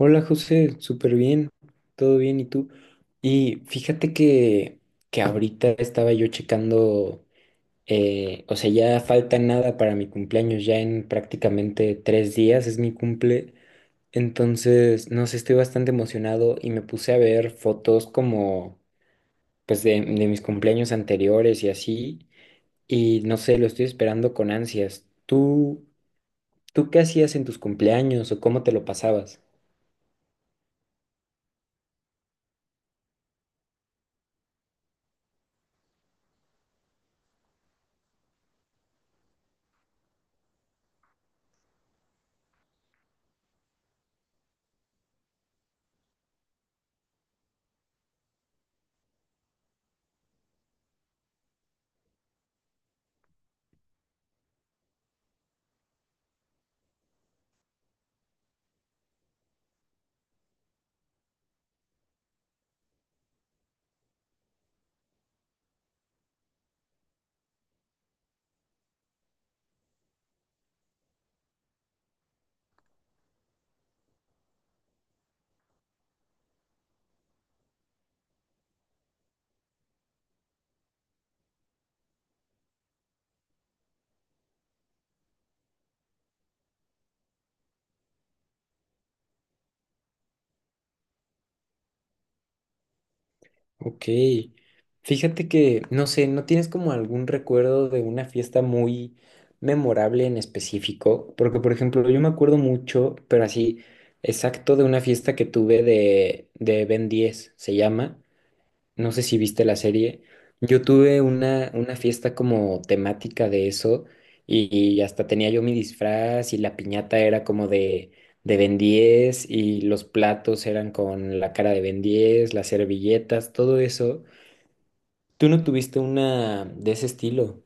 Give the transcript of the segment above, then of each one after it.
Hola José, súper bien, todo bien, ¿y tú? Y fíjate que ahorita estaba yo checando, o sea, ya falta nada para mi cumpleaños, ya en prácticamente 3 días es mi cumple. Entonces, no sé, estoy bastante emocionado y me puse a ver fotos como, pues, de mis cumpleaños anteriores y así, y no sé, lo estoy esperando con ansias. ¿Tú qué hacías en tus cumpleaños o cómo te lo pasabas? Ok. Fíjate que, no sé, ¿no tienes como algún recuerdo de una fiesta muy memorable en específico? Porque, por ejemplo, yo me acuerdo mucho, pero así, exacto de una fiesta que tuve de Ben 10 se llama. No sé si viste la serie. Yo tuve una fiesta como temática de eso y hasta tenía yo mi disfraz, y la piñata era como de Ben 10, y los platos eran con la cara de Ben 10, las servilletas, todo eso. ¿Tú no tuviste una de ese estilo?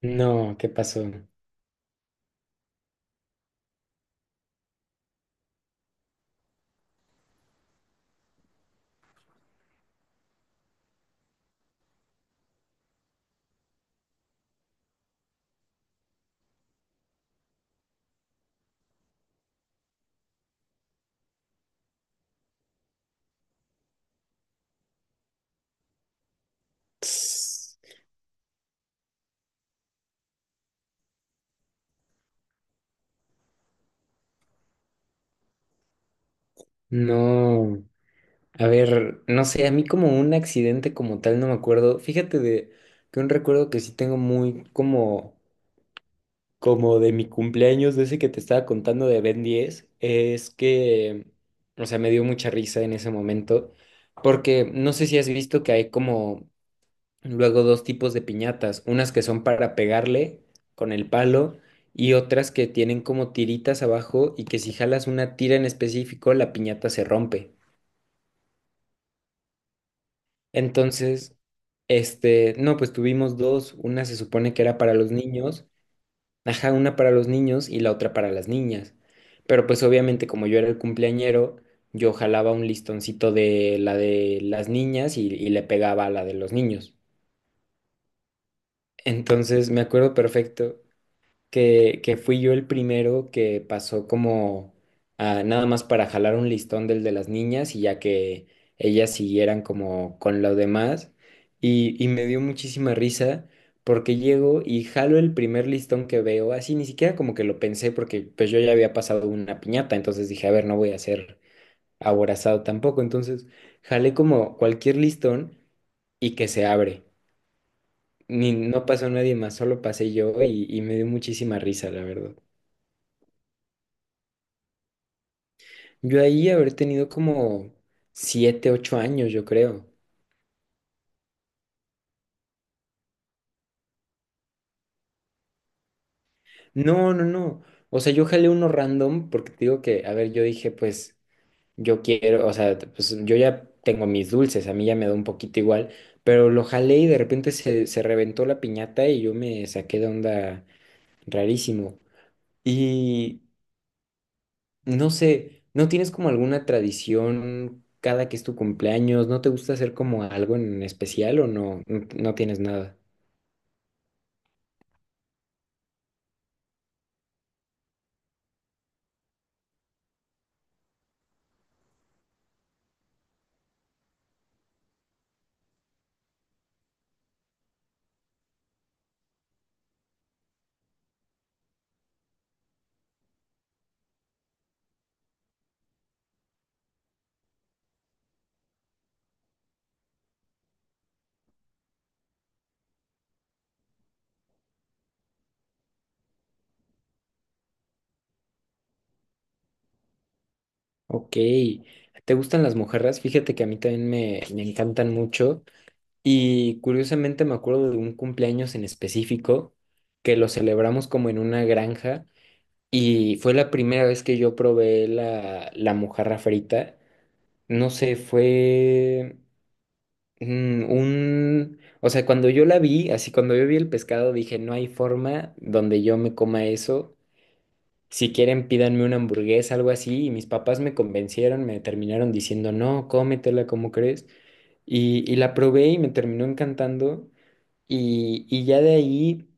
No, ¿qué pasó? Tss. No, a ver, no sé, a mí como un accidente como tal no me acuerdo. Fíjate de que un recuerdo que sí tengo muy como de mi cumpleaños, de ese que te estaba contando de Ben 10, es que, o sea, me dio mucha risa en ese momento, porque no sé si has visto que hay como luego dos tipos de piñatas, unas que son para pegarle con el palo y otras que tienen como tiritas abajo y que si jalas una tira en específico, la piñata se rompe. Entonces, no, pues tuvimos dos, una se supone que era para los niños. Ajá, una para los niños y la otra para las niñas. Pero pues obviamente como yo era el cumpleañero, yo jalaba un listoncito de la de las niñas y le pegaba a la de los niños. Entonces me acuerdo perfecto que fui yo el primero que pasó como a, nada más para jalar un listón del de las niñas, y ya que ellas siguieran como con lo demás. Y me dio muchísima risa porque llego y jalo el primer listón que veo, así ni siquiera como que lo pensé, porque pues yo ya había pasado una piñata. Entonces dije, a ver, no voy a ser aborazado tampoco. Entonces jalé como cualquier listón y que se abre. Ni, no pasó nadie más, solo pasé yo, y me dio muchísima risa, la verdad. Yo ahí haber tenido como siete, ocho años, yo creo. No, no, no. O sea, yo jalé uno random porque te digo que, a ver, yo dije, pues, yo quiero, o sea, pues yo ya tengo mis dulces, a mí ya me da un poquito igual, pero lo jalé y de repente se reventó la piñata y yo me saqué de onda rarísimo. Y no sé, ¿no tienes como alguna tradición cada que es tu cumpleaños? ¿No te gusta hacer como algo en especial o no? No, no tienes nada. Ok, ¿te gustan las mojarras? Fíjate que a mí también me encantan mucho, y curiosamente me acuerdo de un cumpleaños en específico que lo celebramos como en una granja, y fue la primera vez que yo probé la mojarra frita. No sé, fue, o sea, cuando yo la vi, así cuando yo vi el pescado dije, no hay forma donde yo me coma eso. Si quieren, pídanme una hamburguesa, algo así. Y mis papás me convencieron, me terminaron diciendo, no, cómetela, ¿cómo crees? Y la probé y me terminó encantando. Y ya de ahí,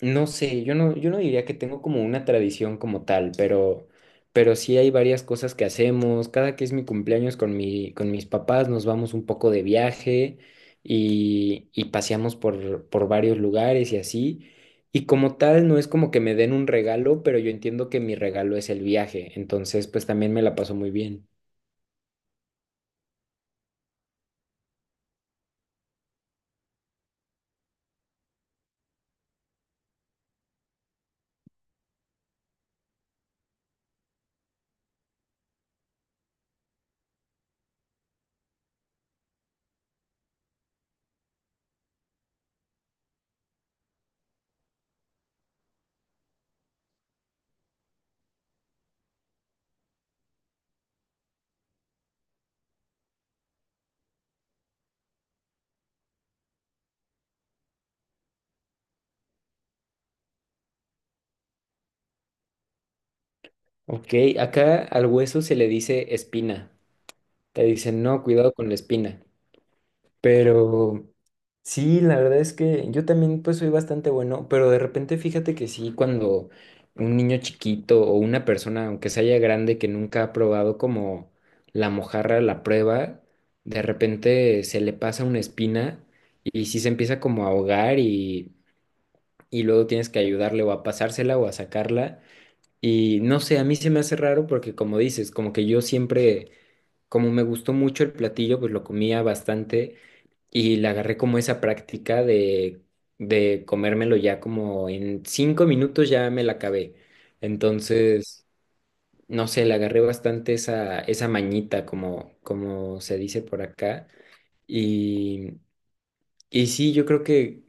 no sé, yo no diría que tengo como una tradición como tal, pero sí hay varias cosas que hacemos. Cada que es mi cumpleaños con mis papás, nos vamos un poco de viaje, y paseamos por varios lugares y así. Y como tal, no es como que me den un regalo, pero yo entiendo que mi regalo es el viaje. Entonces, pues también me la paso muy bien. Ok, acá al hueso se le dice espina. Te dicen, no, cuidado con la espina. Pero sí, la verdad es que yo también pues soy bastante bueno, pero de repente fíjate que sí, cuando un niño chiquito o una persona, aunque sea ya grande, que nunca ha probado como la mojarra, la prueba, de repente se le pasa una espina y sí se empieza como a ahogar, y luego tienes que ayudarle o a pasársela o a sacarla. Y no sé, a mí se me hace raro porque como dices, como que yo siempre, como me gustó mucho el platillo, pues lo comía bastante. Y le agarré como esa práctica de comérmelo ya como en 5 minutos, ya me la acabé. Entonces, no sé, le agarré bastante esa mañita, como se dice por acá. Y, y sí, yo creo que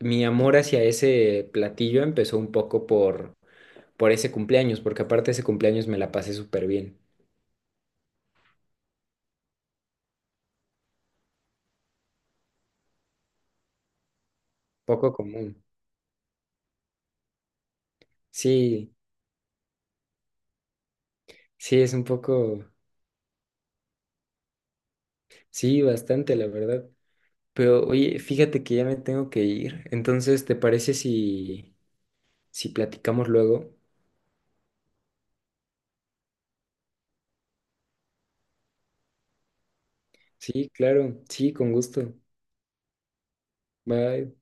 mi amor hacia ese platillo empezó un poco por ese cumpleaños, porque aparte ese cumpleaños me la pasé súper bien. Poco común. Sí, sí, es un poco, sí, bastante, la verdad. Pero oye, fíjate que ya me tengo que ir. Entonces, ¿te parece si, platicamos luego? Sí, claro, sí, con gusto. Bye.